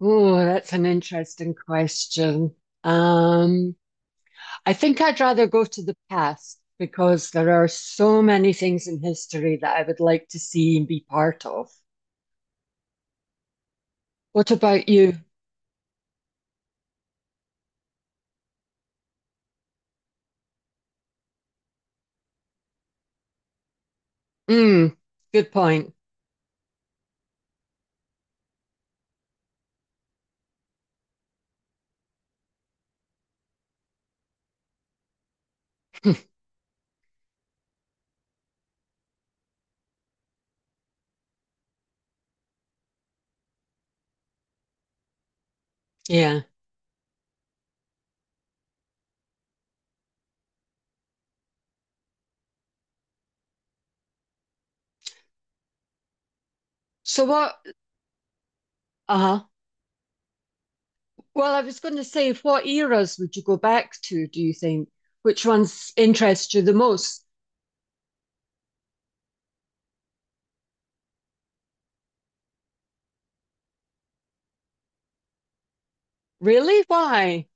Oh, that's an interesting question. Um, I think I'd rather go to the past because there are so many things in history that I would like to see and be part of. What about you? Mm, good point. Yeah. So uh-huh. Well, I was going to say, what eras would you go back to, do you think? Which ones interest you the most? Really? Why?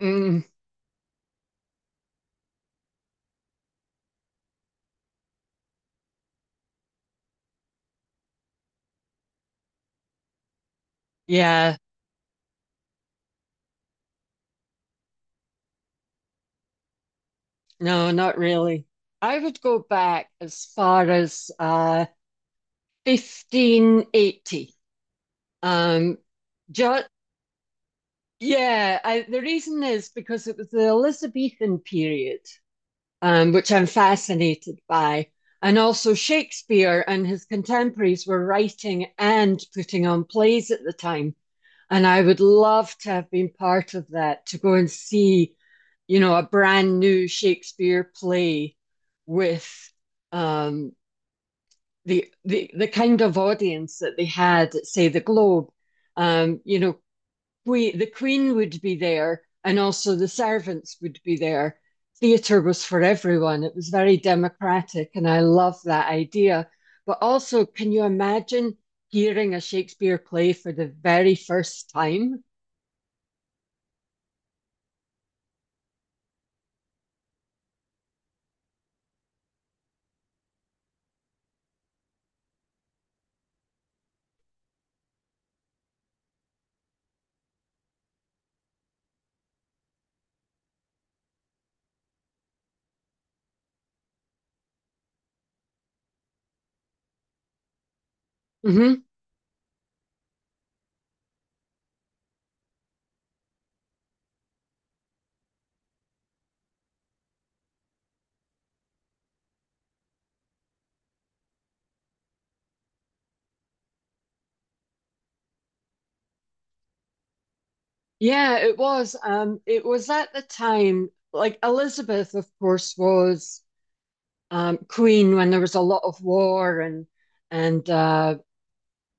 Mm, yeah. No, not really. I would go back as far as 1580. Um, just yeah, I, the reason is because it was the Elizabethan period, which I'm fascinated by, and also Shakespeare and his contemporaries were writing and putting on plays at the time. And I would love to have been part of that, to go and see, you know, a brand new Shakespeare play with um, the kind of audience that they had at, say, the Globe. You know, we, the Queen would be there, and also the servants would be there. Theatre was for everyone. It was very democratic, and I love that idea. But also, can you imagine hearing a Shakespeare play for the very first time? Mhm. Yeah, it was. It was at the time, like Elizabeth, of course, was queen when there was a lot of war and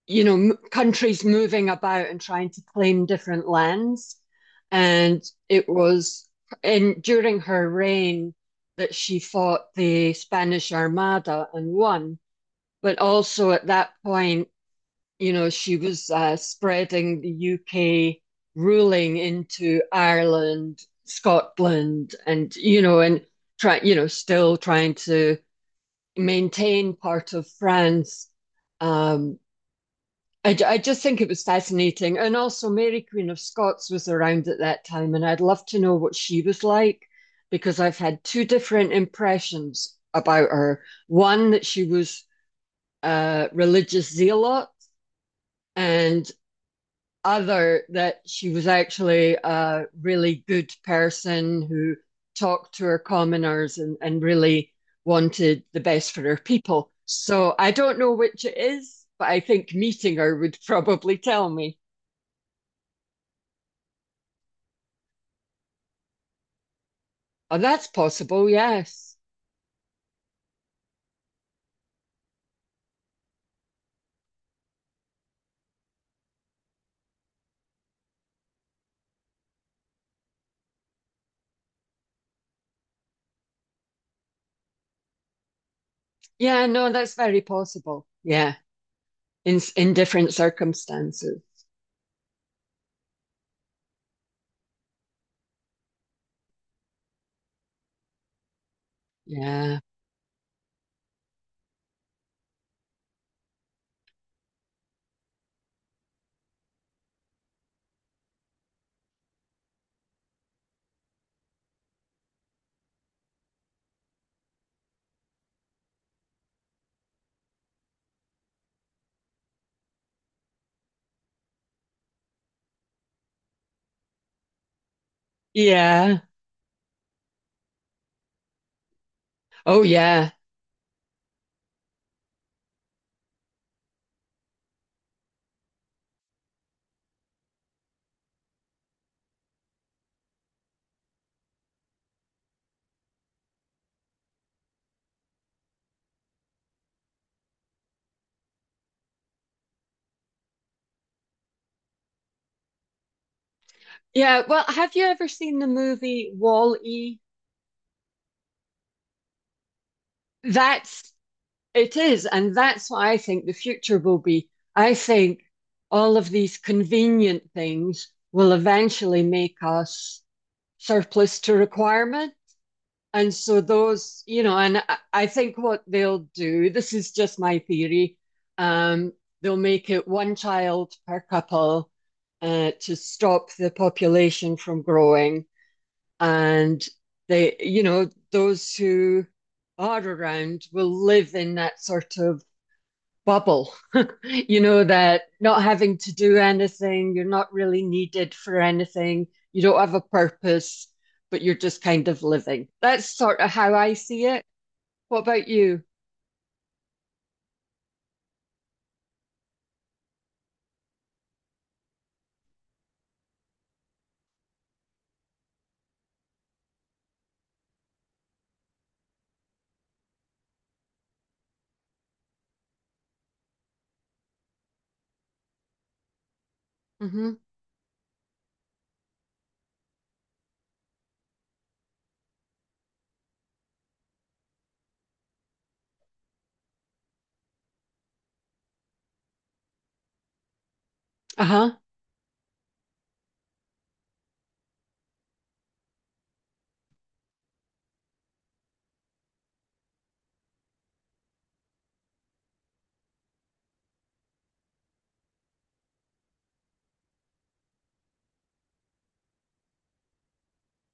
you know m countries moving about and trying to claim different lands. And it was in during her reign that she fought the Spanish Armada and won. But also at that point you know, she was spreading the UK ruling into Ireland, Scotland, and, you know, you know, still trying to maintain part of France. Um, I just think it was fascinating. And also, Mary Queen of Scots was around at that time, and I'd love to know what she was like because I've had two different impressions about her. One, that she was a religious zealot, and other that she was actually a really good person who talked to her commoners and really wanted the best for her people. So I don't know which it is, but I think meeting her would probably tell me. Oh, that's possible, yes. Yeah, no, that's very possible. Yeah, in different circumstances. Yeah. Yeah. Oh, yeah. Yeah. Well, have you ever seen the movie Wall-E? That's It is, and that's what I think the future will be. I think all of these convenient things will eventually make us surplus to requirement. And so those, you know, and I- think what they'll do, this is just my theory, um, they'll make it one child per couple to stop the population from growing. And they, you know, those who are around will live in that sort of bubble, you know, that not having to do anything, you're not really needed for anything, you don't have a purpose, but you're just kind of living. That's sort of how I see it. What about you? Hmm. Uh-huh.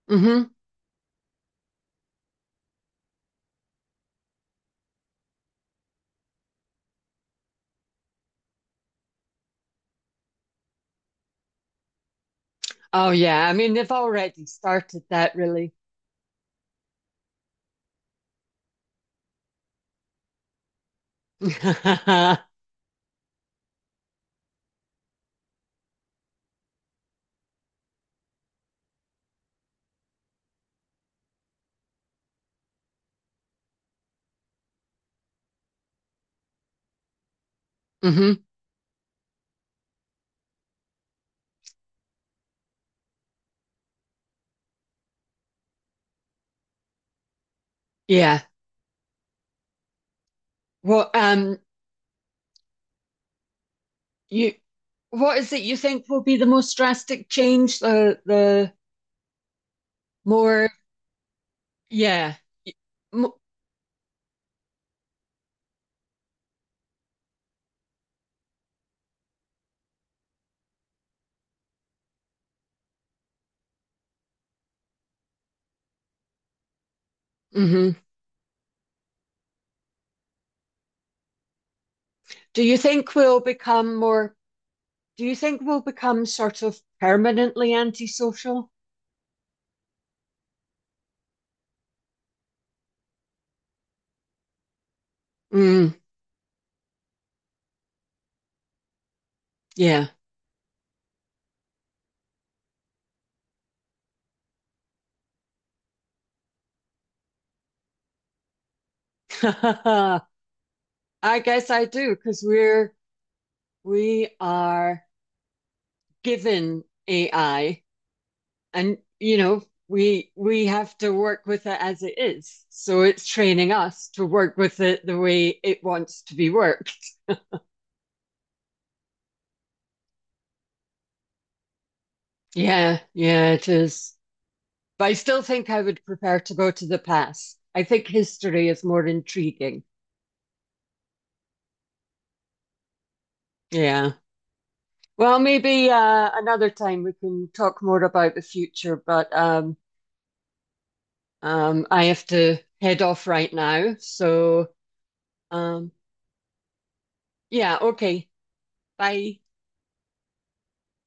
Hmm. Oh yeah. I mean, they've already started that really. Hmm. Yeah. Well, you, what is it you think will be the most drastic change? More, yeah. Mm-hmm. Do you think we'll become more? Do you think we'll become sort of permanently antisocial? Mm, yeah. I guess I do because we are given AI and you know we have to work with it as it is. So it's training us to work with it the way it wants to be worked. Yeah, yeah, it is. But I still think I would prefer to go to the past. I think history is more intriguing. Yeah. Well, maybe another time we can talk more about the future, but I have to head off right now. So, um, yeah, okay. Bye.